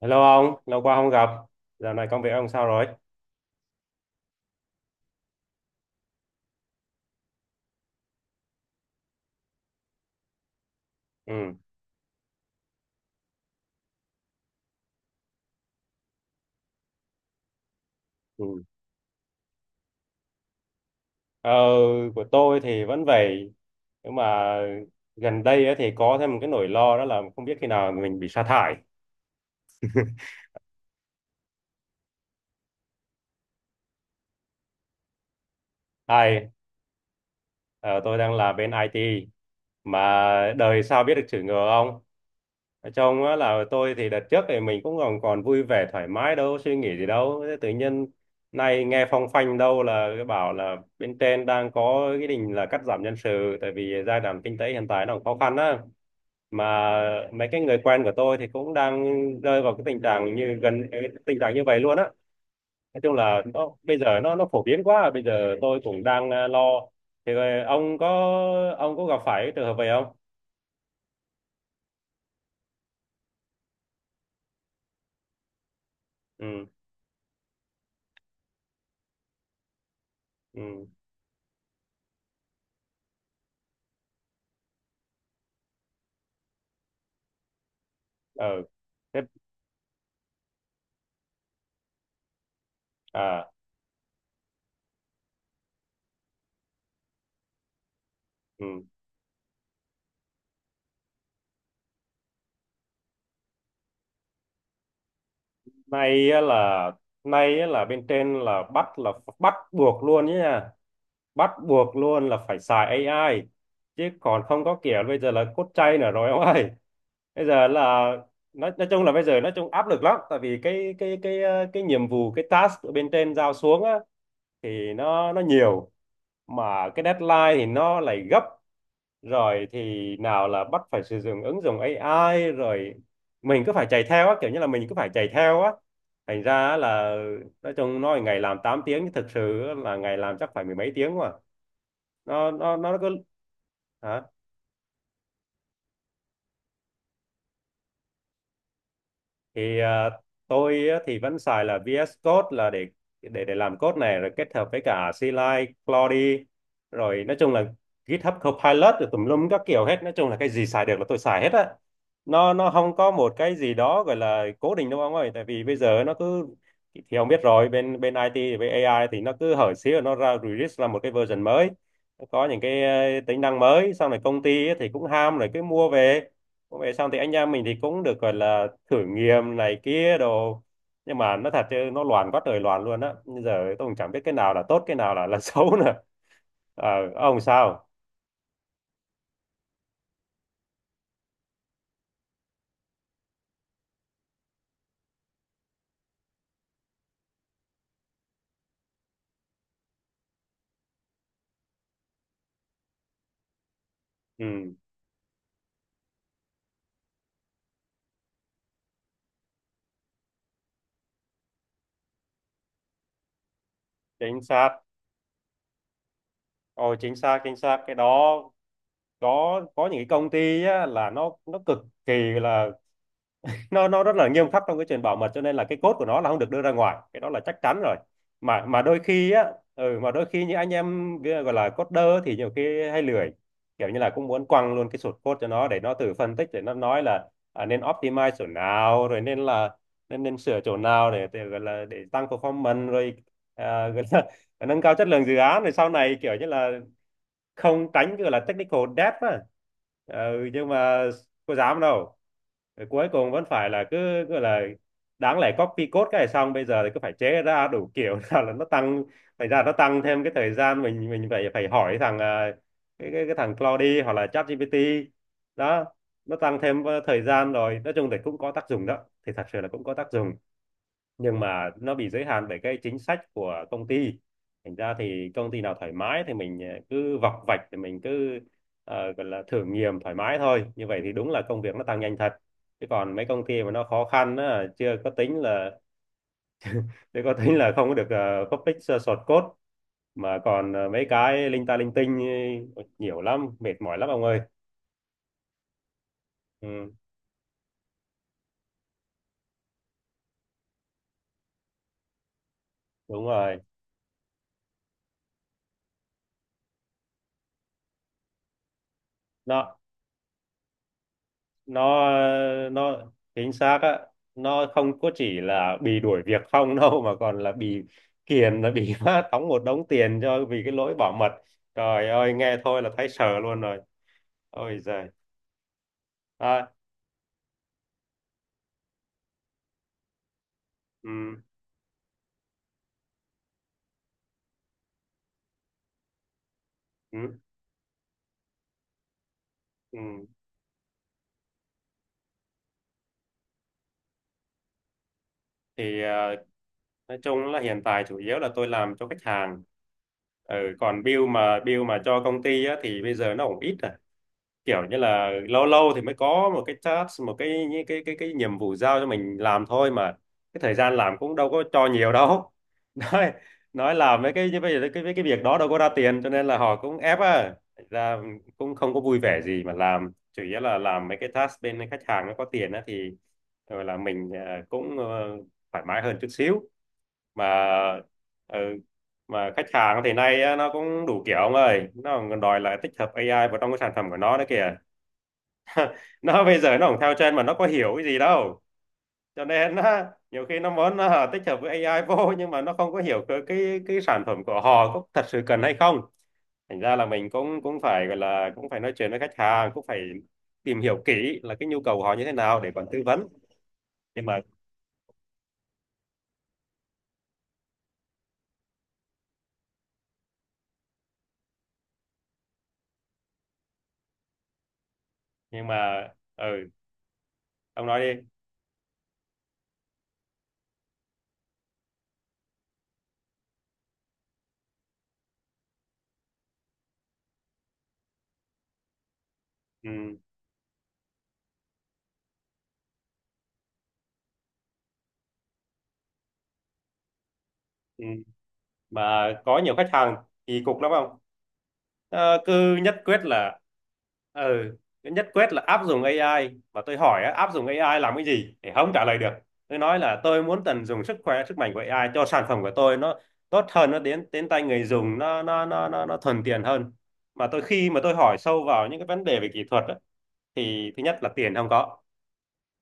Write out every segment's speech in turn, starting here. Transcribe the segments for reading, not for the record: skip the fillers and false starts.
Hello ông, lâu quá không gặp. Dạo này công việc ông sao rồi? Ừ. ừ. Ờ, của tôi thì vẫn vậy. Nhưng mà gần đây á thì có thêm một cái nỗi lo, đó là không biết khi nào mình bị sa thải. Ai, ờ, tôi đang là bên IT, mà đời sao biết được chữ ngờ ông? Trong á là tôi thì đợt trước thì mình cũng còn còn vui vẻ thoải mái, đâu suy nghĩ gì đâu. Thế tự nhiên nay nghe phong phanh đâu là cái bảo là bên trên đang có cái định là cắt giảm nhân sự, tại vì giai đoạn kinh tế hiện tại nó cũng khó khăn á, mà mấy cái người quen của tôi thì cũng đang rơi vào cái tình trạng như gần cái tình trạng như vậy luôn á. Nói chung là nó bây giờ nó phổ biến quá, bây giờ tôi cũng đang lo. Thì ông có gặp phải cái trường hợp vậy không? Ừ. Ừ. Ờ thế à. Ừ. nay á là Nay á là bên trên là bắt buộc luôn nhé nha, bắt buộc luôn là phải xài AI, chứ còn không có kiểu bây giờ là cốt chay nữa rồi ông ơi. Bây giờ là nói chung là bây giờ nói chung áp lực lắm, tại vì cái nhiệm vụ, cái task ở bên trên giao xuống á thì nó nhiều, mà cái deadline thì nó lại gấp, rồi thì nào là bắt phải sử dụng ứng dụng AI rồi mình cứ phải chạy theo á, kiểu như là mình cứ phải chạy theo á, thành ra á là nói chung nói ngày làm 8 tiếng nhưng thực sự á là ngày làm chắc phải mười mấy tiếng, mà nó cứ hả. Thì tôi á, thì vẫn xài là VS Code là để để làm code này, rồi kết hợp với cả CLI, Claude rồi nói chung là GitHub Copilot rồi tùm lum các kiểu hết, nói chung là cái gì xài được là tôi xài hết á. Nó không có một cái gì đó gọi là cố định đâu ông ơi, tại vì bây giờ nó cứ thì ông biết rồi, bên bên IT với AI thì nó cứ hở xíu là nó ra release ra một cái version mới, nó có những cái tính năng mới, xong rồi công ty ấy thì cũng ham rồi cứ mua về cũng vậy, xong thì anh em mình thì cũng được gọi là thử nghiệm này kia đồ. Nhưng mà nó thật chứ nó loạn quá trời loạn luôn á, bây giờ tôi cũng chẳng biết cái nào là tốt cái nào là xấu nữa. Ờ, ông sao. Ừ chính xác. Ôi chính xác, chính xác cái đó. Có những cái công ty á, là nó cực kỳ là nó rất là nghiêm khắc trong cái chuyện bảo mật, cho nên là cái code của nó là không được đưa ra ngoài, cái đó là chắc chắn rồi. Mà đôi khi á, ừ, mà đôi khi những anh em gọi là coder thì nhiều khi hay lười, kiểu như là cũng muốn quăng luôn cái source code cho nó để nó tự phân tích, để nó nói là nên optimize chỗ nào, rồi nên là nên nên sửa chỗ nào để gọi là để tăng performance rồi gọi là nâng cao chất lượng dự án, rồi sau này kiểu như là không tránh cái gọi là technical debt á. Ừ, nhưng mà có dám đâu, rồi cuối cùng vẫn phải là cứ gọi là đáng lẽ copy code cái này xong bây giờ thì cứ phải chế ra đủ kiểu nào là nó tăng, thành ra nó tăng thêm cái thời gian, mình phải phải hỏi thằng cái thằng Claude hoặc là ChatGPT đó. Nó tăng thêm thời gian, rồi nói chung thì cũng có tác dụng đó, thì thật sự là cũng có tác dụng. Nhưng mà nó bị giới hạn bởi cái chính sách của công ty, thành ra thì công ty nào thoải mái thì mình cứ vọc vạch, thì mình cứ gọi là thử nghiệm thoải mái thôi, như vậy thì đúng là công việc nó tăng nhanh thật. Chứ còn mấy công ty mà nó khó khăn á, chưa có tính là không có được, public source code, mà còn mấy cái linh ta linh tinh, nhiều lắm, mệt mỏi lắm ông ơi. Ừ, đúng rồi đó. nó nó chính xác á, nó không có chỉ là bị đuổi việc không đâu, mà còn là bị kiềm là bị phát đóng một đống tiền cho vì cái lỗi bảo mật. Trời ơi nghe thôi là thấy sợ luôn rồi. Ôi giời. À, ừ, ừ, ừ. Thì nói chung là hiện tại chủ yếu là tôi làm cho khách hàng. Ừ, còn bill mà cho công ty á, thì bây giờ nó cũng ít à, kiểu như là lâu lâu thì mới có một cái task, một cái cái nhiệm vụ giao cho mình làm thôi mà. Cái thời gian làm cũng đâu có cho nhiều đâu. nói nói làm mấy cái như bây giờ cái việc đó đâu có ra tiền, cho nên là họ cũng ép à ra, cũng không có vui vẻ gì mà làm. Chủ yếu là làm mấy cái task bên khách hàng nó có tiền á, thì gọi là mình cũng thoải mái hơn chút xíu mà. Ừ, mà khách hàng thì nay á, nó cũng đủ kiểu ông ơi, nó còn đòi lại tích hợp AI vào trong cái sản phẩm của nó nữa kìa. Nó bây giờ nó cũng theo trend mà nó có hiểu cái gì đâu, cho nên á, nhiều khi nó muốn tích hợp với AI vô, nhưng mà nó không có hiểu cái cái sản phẩm của họ có thật sự cần hay không. Thành ra là mình cũng cũng phải gọi là cũng phải nói chuyện với khách hàng, cũng phải tìm hiểu kỹ là cái nhu cầu của họ như thế nào để còn tư vấn. nhưng mà nhưng mà ừ, ông nói đi. Ừ. ừ. Mà có nhiều khách hàng thì cục lắm không, Ờ, cứ nhất quyết là ừ, cứ nhất quyết là áp dụng AI. Mà tôi hỏi á, áp dụng AI làm cái gì thì không trả lời được. Tôi nói là tôi muốn tận dụng sức mạnh của AI cho sản phẩm của tôi, nó tốt hơn, nó đến đến tay người dùng nó thuận tiện hơn. Mà tôi khi mà tôi hỏi sâu vào những cái vấn đề về kỹ thuật á, thì thứ nhất là tiền không có.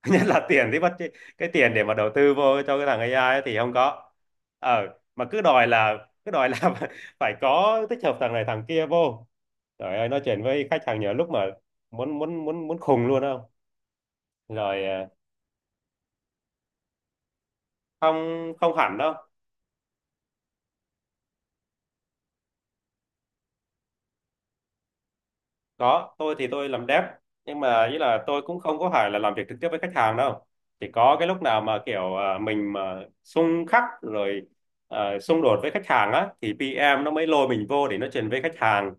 Nhất là tiền thì bắt cái tiền để mà đầu tư vô cho cái thằng AI ấy thì không có. Ờ mà cứ đòi là phải có tích hợp thằng này thằng kia vô. Trời ơi nói chuyện với khách hàng nhiều lúc mà muốn muốn muốn muốn khùng luôn không. Rồi không không hẳn đâu. Có, tôi thì tôi làm dev, nhưng mà ý là tôi cũng không có phải là làm việc trực tiếp với khách hàng đâu. Chỉ có cái lúc nào mà kiểu mình mà xung khắc rồi xung đột với khách hàng á, thì PM nó mới lôi mình vô để nó truyền với khách hàng,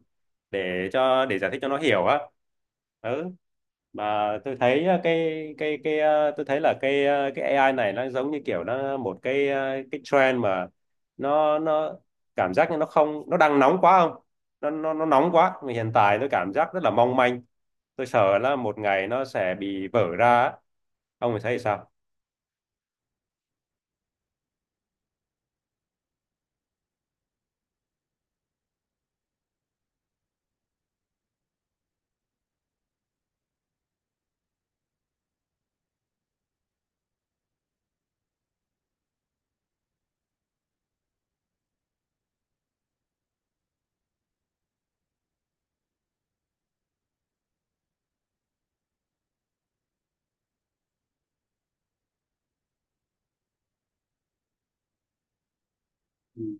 để cho để giải thích cho nó hiểu á. Ừ. Mà tôi thấy tôi thấy là cái AI này nó giống như kiểu nó một cái cái trend mà, nó cảm giác như nó đang nóng quá không, nó nóng quá. Mà hiện tại tôi cảm giác rất là mong manh, tôi sợ là một ngày nó sẽ bị vỡ ra á. Ông thì thấy sao? Ừ.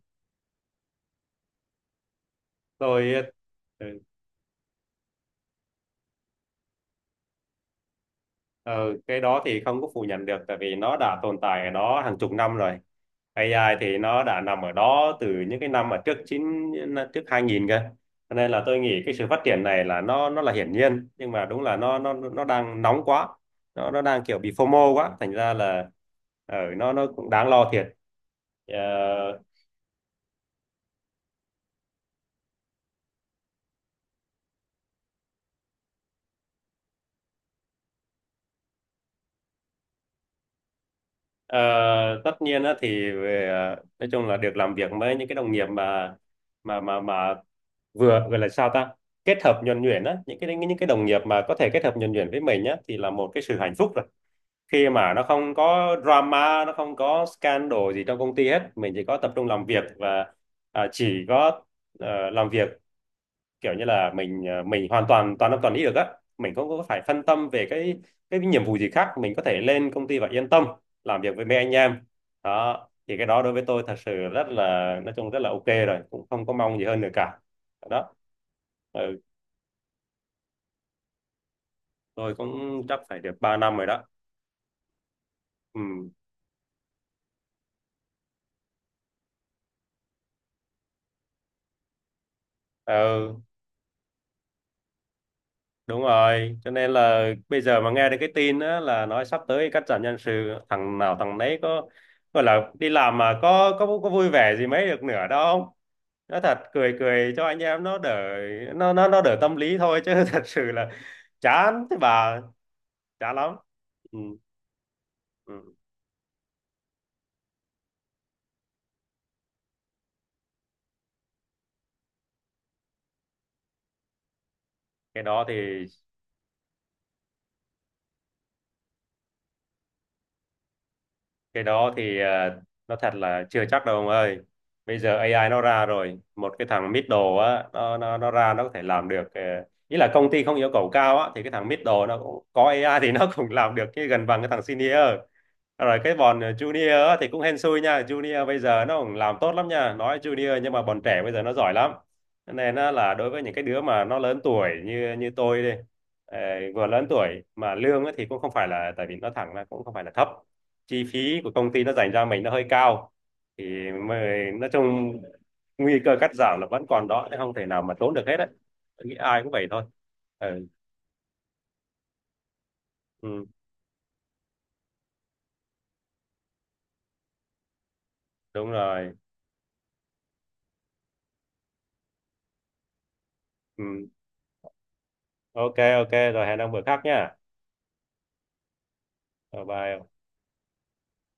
Tôi ừ, ừ, cái đó thì không có phủ nhận được, tại vì nó đã tồn tại ở đó hàng chục năm rồi. AI thì nó đã nằm ở đó từ những cái năm mà trước 2000 cơ, cho nên là tôi nghĩ cái sự phát triển này là nó là hiển nhiên, nhưng mà đúng là nó đang nóng quá, nó đang kiểu bị phô mô quá, thành ra là ở nó cũng đáng lo thiệt. Ờ, Ờ, tất nhiên á thì về nói chung là được làm việc với những cái đồng nghiệp mà mà mà mà vừa gọi là sao ta, kết hợp nhuần nhuyễn á, những cái đồng nghiệp mà có thể kết hợp nhuần nhuyễn với mình á thì là một cái sự hạnh phúc rồi. Khi mà nó không có drama, nó không có scandal gì trong công ty hết, mình chỉ có tập trung làm việc và chỉ có làm việc, kiểu như là mình mình hoàn toàn toàn tâm toàn ý được á, mình không có phải phân tâm về cái nhiệm vụ gì khác, mình có thể lên công ty và yên tâm làm việc với mấy anh em đó. Thì cái đó đối với tôi thật sự rất là nói chung rất là ok rồi, cũng không có mong gì hơn nữa cả. Đó ừ, tôi cũng chắc phải được 3 năm rồi đó. Ừ. Ừ đúng rồi, cho nên là bây giờ mà nghe được cái tin á, là nói sắp tới cắt giảm nhân sự, thằng nào thằng nấy có gọi là đi làm mà có vui vẻ gì mấy được nữa đâu. Nói thật cười cười cho anh em nó đỡ, nó đỡ tâm lý thôi, chứ thật sự là chán thế bà, chán lắm. Ừ, ừ. cái đó thì cái đó thì nó thật là chưa chắc đâu ông ơi. Bây giờ AI nó ra rồi, một cái thằng Middle á, nó ra nó có thể làm được ý là công ty không yêu cầu cao á, thì cái thằng Middle nó cũng có AI thì nó cũng làm được cái gần bằng cái thằng Senior. Rồi cái bọn Junior á, thì cũng hên xui nha, Junior bây giờ nó cũng làm tốt lắm nha, nói Junior nhưng mà bọn trẻ bây giờ nó giỏi lắm. Cho nên á, là đối với những cái đứa mà nó lớn tuổi như như tôi đi, ờ, vừa lớn tuổi mà lương á thì cũng không phải là, tại vì nó thẳng là cũng không phải là thấp, chi phí của công ty nó dành cho mình nó hơi cao, thì mới, nói chung nguy cơ cắt giảm là vẫn còn đó chứ không thể nào mà trốn được hết đấy. Tôi nghĩ ai cũng vậy thôi. Ừ, ừ đúng rồi. Ừ. Ok, ok rồi, hẹn ông bữa khác nhá. Bye bye.